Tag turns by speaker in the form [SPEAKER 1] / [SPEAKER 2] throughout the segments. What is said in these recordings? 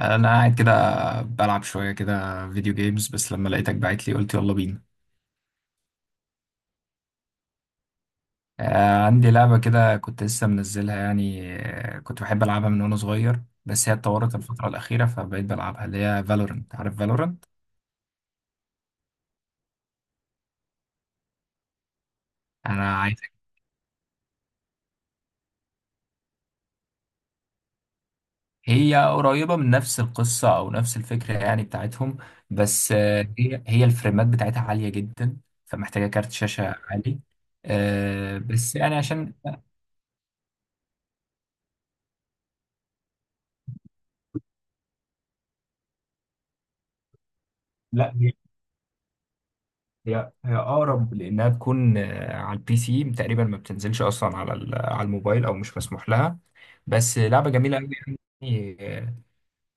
[SPEAKER 1] انا قاعد كده بلعب شويه كده فيديو جيمز بس لما لقيتك بعت لي قلت يلا بينا. عندي لعبه كده كنت لسه منزلها كنت بحب العبها من وانا صغير، بس هي اتطورت الفتره الاخيره فبقيت بلعبها اللي هي فالورنت، عارف فالورنت؟ انا عايزك. هي قريبه من نفس القصه او نفس الفكره يعني بتاعتهم، بس آه، هي الفريمات بتاعتها عاليه جدا، فمحتاجه كارت شاشه عالي. آه، بس يعني عشان لا، هي اقرب لانها تكون على البي سي، تقريبا ما بتنزلش اصلا على على الموبايل او مش مسموح لها. بس لعبه جميله قوي. يعني آه،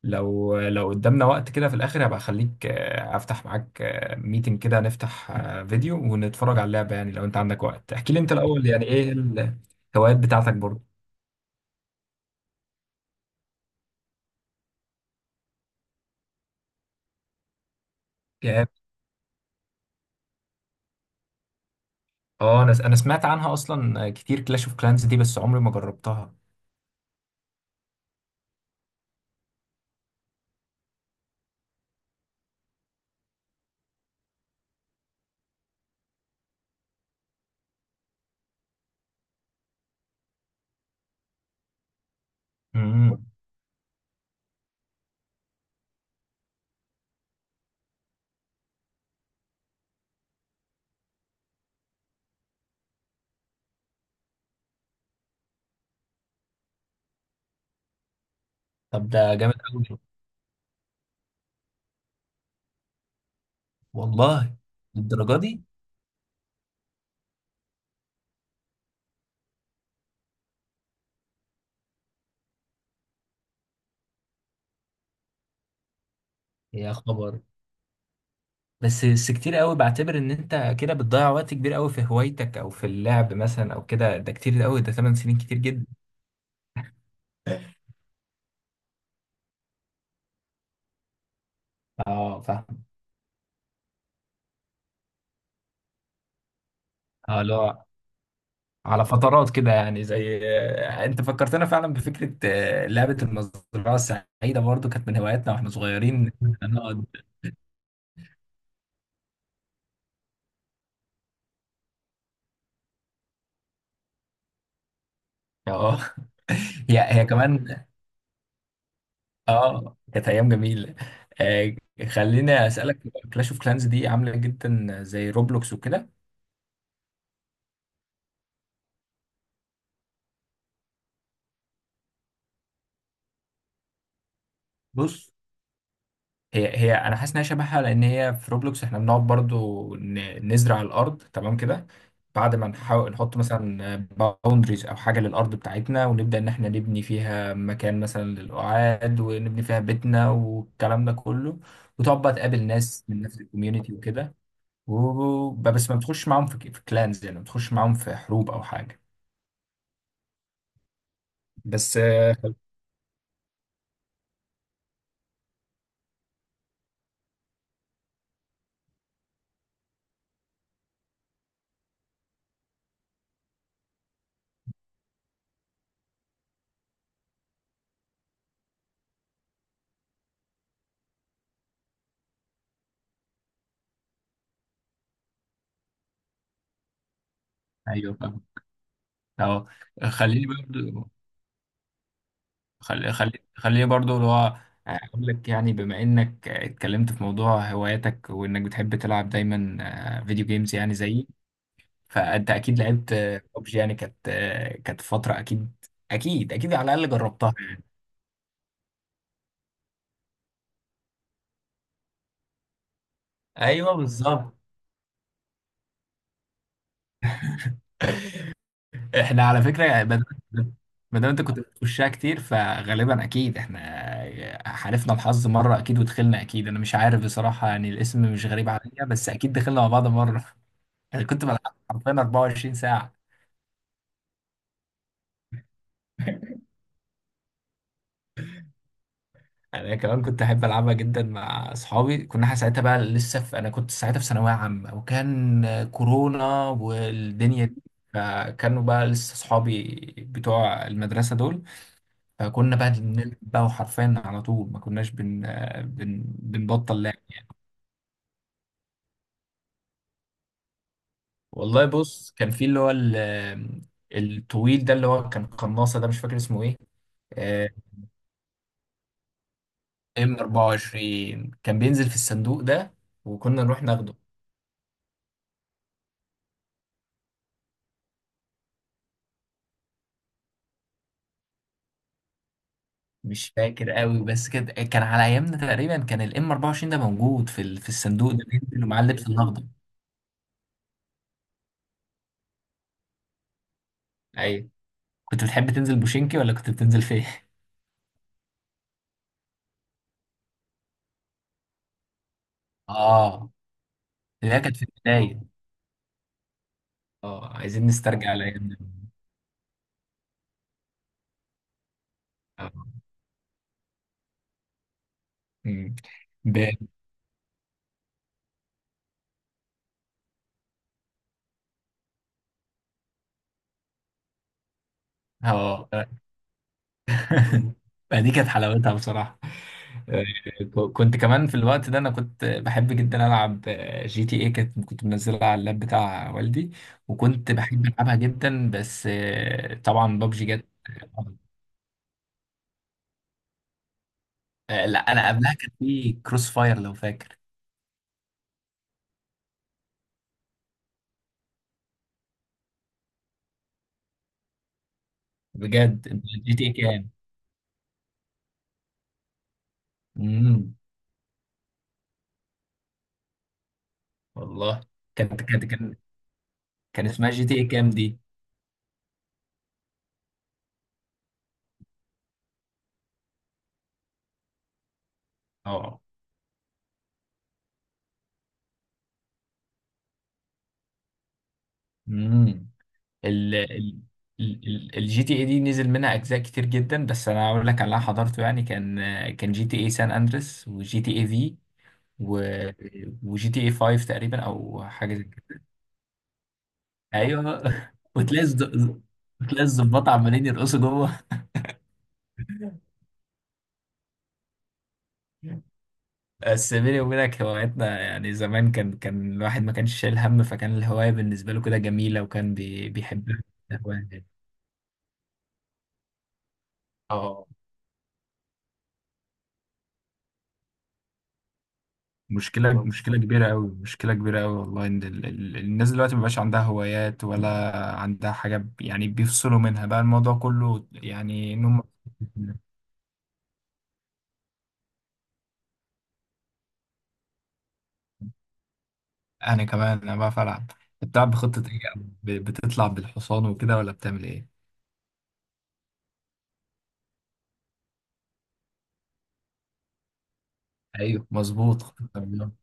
[SPEAKER 1] لو قدامنا وقت كده في الاخر هبقى اخليك افتح معاك ميتنج كده، نفتح فيديو ونتفرج على اللعبه. يعني لو انت عندك وقت احكي لي انت الاول يعني ايه الهوايات بتاعتك برضه. يعني اه انا سمعت عنها اصلا كتير، كلاش اوف كلانز دي، بس عمري ما جربتها. امم. طب ده جامد أوي، والله. يا خبر، بس كتير قوي، بعتبر ان انت كده بتضيع وقت كبير قوي في هوايتك او في اللعب مثلا او كده، ده كتير قوي، ده 8 سنين كتير جدا. اه فاهم. اه لا، على فترات كده يعني. زي انت فكرتنا فعلا بفكره لعبه المزرعه السعيده، برضو كانت من هواياتنا واحنا صغيرين نقعد. اه. هي كمان. اه كانت ايام جميله. آه، خليني اسالك، كلاش اوف كلانز دي عامله جدا زي روبلوكس وكده؟ بص، هي انا حاسس انها شبهها، لان هي في روبلوكس احنا بنقعد برضو نزرع الارض تمام كده، بعد ما نحاول نحط مثلا باوندريز او حاجه للارض بتاعتنا، ونبدا ان احنا نبني فيها مكان مثلا للقعاد، ونبني فيها بيتنا والكلام ده كله، وتقعد بقى تقابل ناس من نفس الكوميونتي وكده. بس ما بتخش معاهم في كلانز، يعني ما بتخش معاهم في حروب او حاجه. بس ايوه فاهم. اه خليني برضو، خليه برضو اللي هو اقول لك، يعني بما انك اتكلمت في موضوع هواياتك وانك بتحب تلعب دايما فيديو جيمز يعني زيي، فانت اكيد لعبت ببجي. يعني كانت كانت فترة اكيد، اكيد على الاقل جربتها. ايوه بالظبط. احنا على فكرة يعني بدل ما دام انت كنت بتخشها كتير فغالبا اكيد احنا حالفنا الحظ مرة اكيد ودخلنا، اكيد. انا مش عارف بصراحة يعني الاسم مش غريب عليا، بس اكيد دخلنا مع بعض مرة انا كنت بلعب حرفيا 24 ساعة. يعني انا كمان كنت احب العبها جدا مع اصحابي. كنا احنا ساعتها بقى لسه في، انا كنت ساعتها في ثانويه عامه وكان كورونا والدنيا دي، فكانوا بقى لسه اصحابي بتوع المدرسه دول، فكنا بقى بنلعب بقى وحرفيا على طول، ما كناش بنبطل لعب. والله بص، كان في اللي هو الطويل ده اللي هو كان قناصه ده، مش فاكر اسمه ايه. آه، ام 24 كان بينزل في الصندوق ده وكنا نروح ناخده. مش فاكر قوي بس كده كان على ايامنا تقريبا، كان الام 24 ده موجود في في الصندوق ده بينزل ومعاه اللبس الاخضر. ايوه. كنت بتحب تنزل بوشينكي ولا كنت بتنزل فين؟ اه ده كانت في البدايه. اه عايزين نسترجع الايام دي. اه. أمم. ب... اه. فدي كانت حلاوتها بصراحة. آه، كنت كمان في الوقت ده انا كنت بحب جدا العب جي تي اي، كنت منزلها على اللاب بتاع والدي، وكنت بحب العبها جدا، بس طبعا بابجي جت. لا انا قبلها كان في كروس فاير لو فاكر. بجد جي تي اي كام؟ امم، والله. كانت كانت كان كان اسمها جي تي اي كام دي؟ اه. امم. ال ال الجي تي اي دي نزل منها اجزاء كتير جدا، بس انا اقول لك على اللي أنا حضرته يعني، كان جي تي اي سان اندريس وجي تي اي في وجي تي اي 5 تقريبا او حاجه زي كده. ايوه وتلاقي الز- وتلاقي الظباط عمالين يرقصوا جوه. بس بيني وبينك هواياتنا يعني زمان، كان الواحد ما كانش شايل هم، فكان الهوايه بالنسبه له كده جميله وكان بيحبها الهوايه دي. اه. مشكلة، مشكلة كبيرة أوي والله، إن الناس دلوقتي مبقاش عندها هوايات ولا عندها حاجة، يعني بيفصلوا منها بقى الموضوع كله، يعني إن هم. أنا كمان، أنا بعرف ألعب. أنت بتلعب بخطة إيه؟ بتطلع بالحصان وكده ولا بتعمل إيه؟ أيوه مظبوط، خطة الرياضة.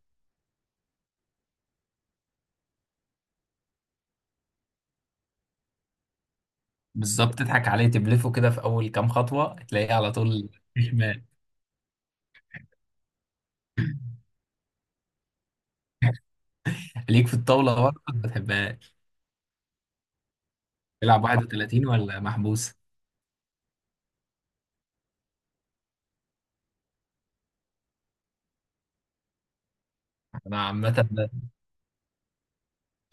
[SPEAKER 1] بالظبط، تضحك عليه تبلفه كده في أول كام خطوة تلاقيه على طول شمال ليك في الطاولة برضه ما بتحبهاش؟ تلعب 31 ولا محبوس؟ أنا عامة،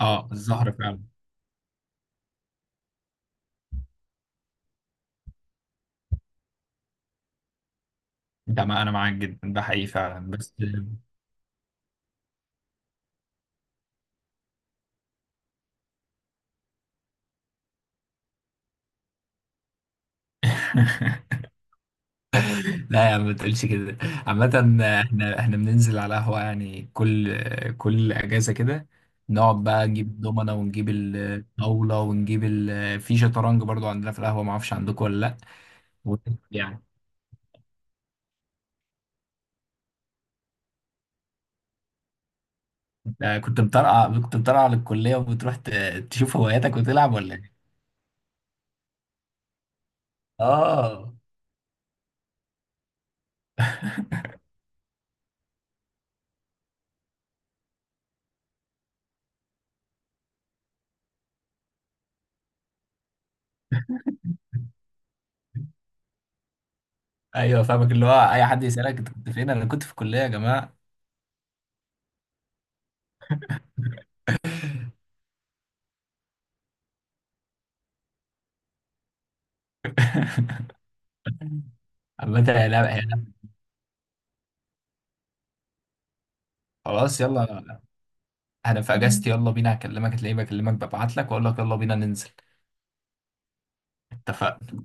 [SPEAKER 1] اه الزهر فعلا. ده ما انا معاك جدا، ده حقيقي فعلا بس لا يا عم ما تقولش كده. عامة، احنا بننزل على قهوة يعني كل اجازة كده، نقعد بقى نجيب دومنة ونجيب الطاولة ونجيب في شطرنج برضو عندنا في القهوة، ما اعرفش عندكم ولا لا. يعني انت كنت مطرقع، كنت مطرقع للكلية وبتروح تشوف هواياتك وتلعب ولا ايه؟ اه. ايوه فاهمك، اللي هو اي حد يسألك انت كنت فين، انا كنت في الكلية يا جماعة عامة هي لعبة. خلاص يلا، انا في اجازتي يلا بينا، هكلمك هتلاقيني بكلمك ببعت لك واقول لك يلا بينا ننزل. اتفقنا.